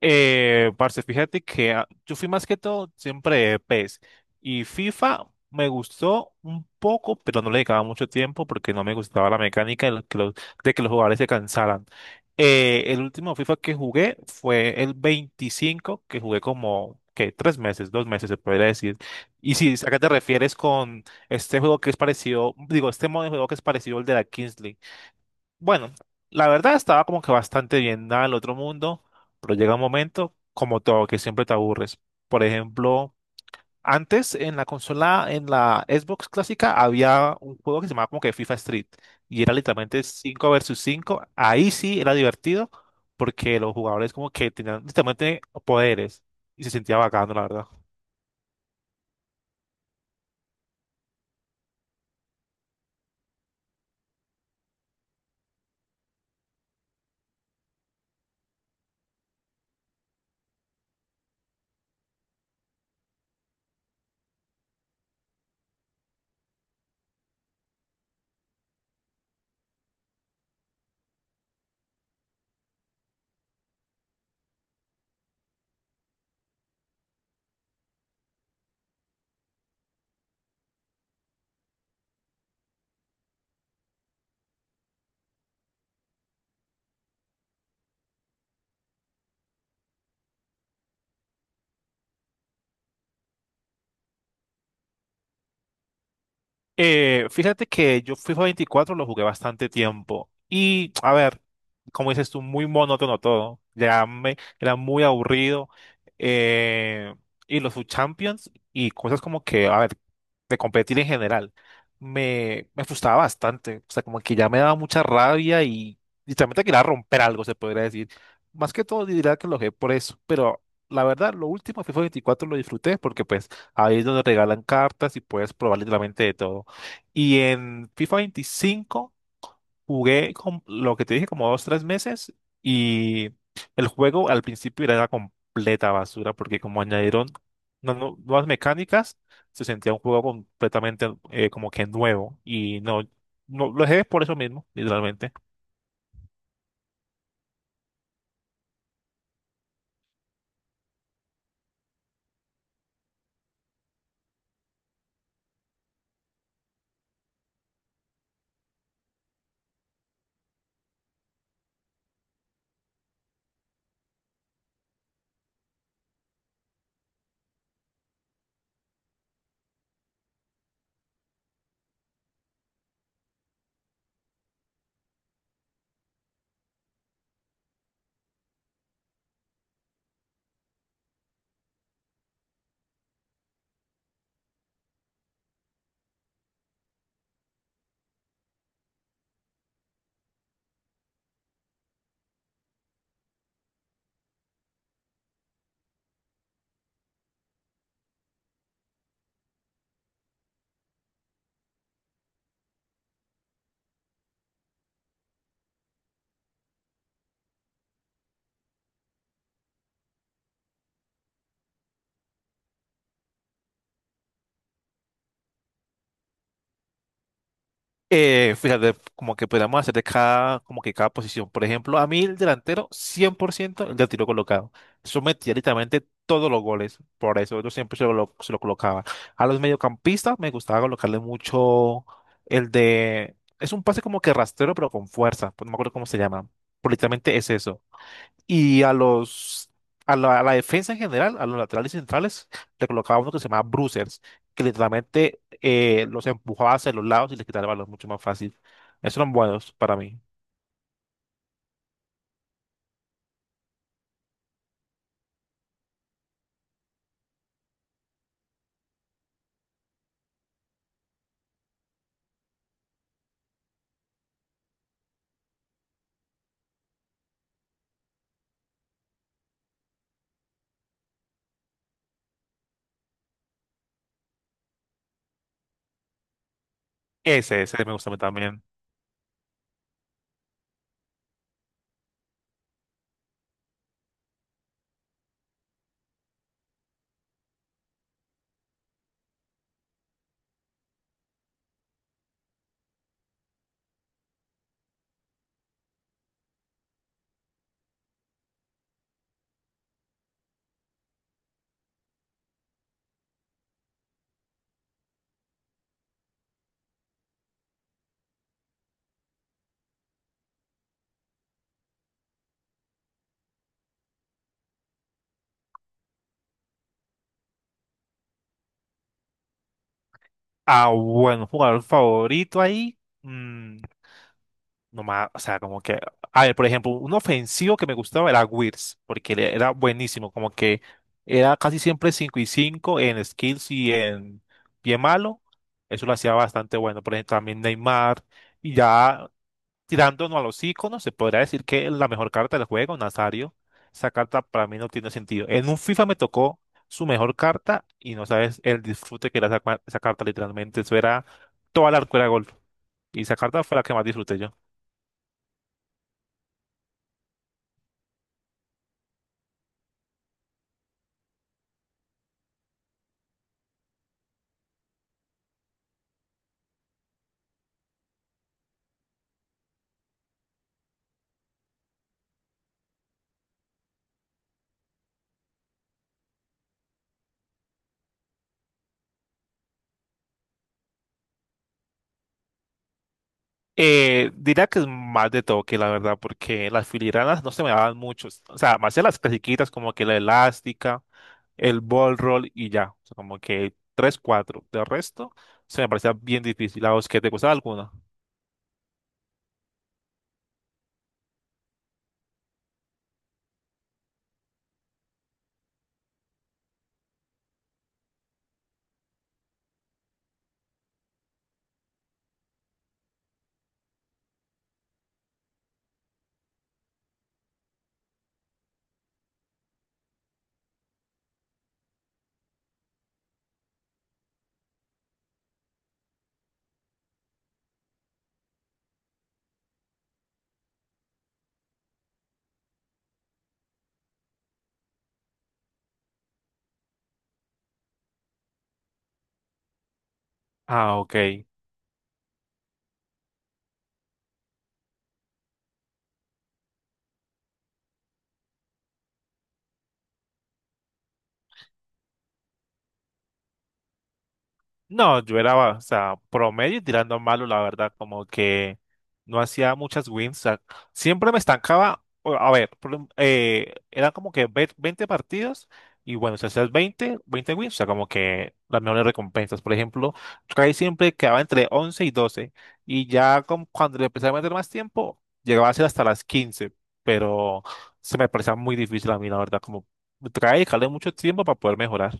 Parce, fíjate que yo fui más que todo siempre de PES y FIFA me gustó un poco, pero no le dedicaba mucho tiempo porque no me gustaba la mecánica de que los jugadores se cansaran. El último FIFA que jugué fue el 25, que jugué como, que 3 meses, 2 meses se podría decir. Y si acá te refieres con este juego que es parecido, digo, este modo de juego que es parecido al de la Kings, bueno, la verdad estaba como que bastante bien, nada del otro mundo, pero llega un momento, como todo, que siempre te aburres. Por ejemplo, antes en la consola, en la Xbox clásica, había un juego que se llamaba como que FIFA Street y era literalmente 5 versus 5. Ahí sí era divertido porque los jugadores como que tenían literalmente poderes y se sentía bacano, la verdad. Fíjate que yo FIFA 24 lo jugué bastante tiempo y, a ver, como dices tú, muy monótono todo, ya era muy aburrido, eh, y los subchampions y cosas como que, a ver, de competir en general, me frustraba bastante, o sea, como que ya me daba mucha rabia y literalmente quería romper algo, se podría decir. Más que todo diría que lo jugué por eso, pero la verdad, lo último FIFA 24 lo disfruté porque pues ahí es donde regalan cartas y puedes probar literalmente de todo. Y en FIFA 25 jugué con lo que te dije como 2, 3 meses y el juego al principio era una completa basura porque como añadieron unas nuevas mecánicas, se sentía un juego completamente, como que nuevo y no, no lo dejé por eso mismo, literalmente. Fíjate, como que podríamos hacer de cada, como que cada posición. Por ejemplo, a mí el delantero, 100% el de tiro colocado. Eso metía literalmente todos los goles. Por eso yo siempre se lo colocaba. A los mediocampistas me gustaba colocarle mucho el de Es un pase como que rastrero, pero con fuerza. Pues no me acuerdo cómo se llama. Pero literalmente es eso. Y a la defensa en general, a los laterales y centrales, le colocaba uno que se llamaba bruisers, que literalmente, los empujaba hacia los lados y les quitaba el balón mucho más fácil. Esos eran buenos para mí. Ese me gusta a mí también. Ah, bueno, jugador favorito ahí. mm, Nomás, o sea, como que, a ver, por ejemplo, un ofensivo que me gustaba era Wirtz, porque era buenísimo, como que era casi siempre 5 y 5 en skills y en pie malo, eso lo hacía bastante bueno, por ejemplo, también Neymar, y ya tirándonos a los iconos, se podría decir que la mejor carta del juego, Nazario, esa carta para mí no tiene sentido. En un FIFA me tocó su mejor carta y no sabes el disfrute que era esa, esa carta, literalmente, eso era toda la arcuera de gol, y esa carta fue la que más disfruté yo. Diría que es más de toque, la verdad, porque las filigranas no se me daban mucho. O sea, me hacía las clasiquitas como que la elástica, el ball roll y ya. O sea, como que tres, cuatro. De resto, se me parecía bien difícil. ¿A vos qué te gustaba alguna? Ah, ok. No, yo era, o sea, promedio y tirando a malo, la verdad, como que no hacía muchas wins. O sea, siempre me estancaba, a ver, eran como que 20 partidos y bueno, si hacías veinte wins, o sea, como que las mejores recompensas. Por ejemplo, Trey siempre quedaba entre 11 y 12 y ya cuando le empecé a meter más tiempo, llegaba a ser hasta las 15, pero se me parecía muy difícil a mí, la verdad, como Try y dejarle mucho tiempo para poder mejorar.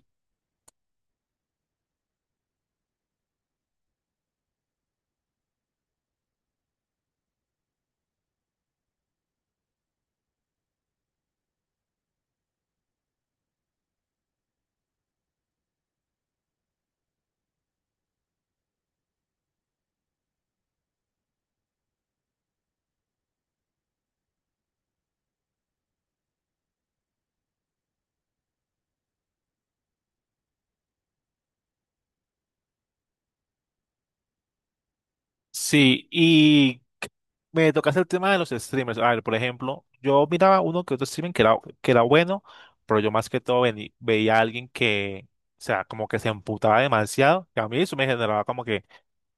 Sí, y me tocaste el tema de los streamers. A ver, por ejemplo, yo miraba uno que otro streaming que era bueno, pero yo más que todo veía a alguien que, o sea, como que se emputaba demasiado. Que a mí eso me generaba como que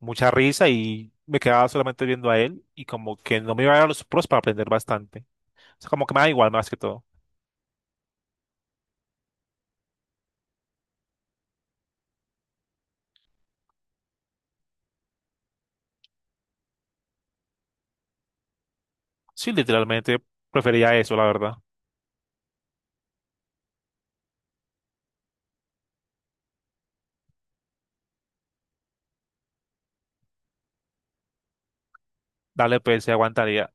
mucha risa y me quedaba solamente viendo a él y como que no me iba a dar los pros para aprender bastante. O sea, como que me da igual más que todo. Sí, literalmente prefería eso, la verdad. Dale, pues, se aguantaría.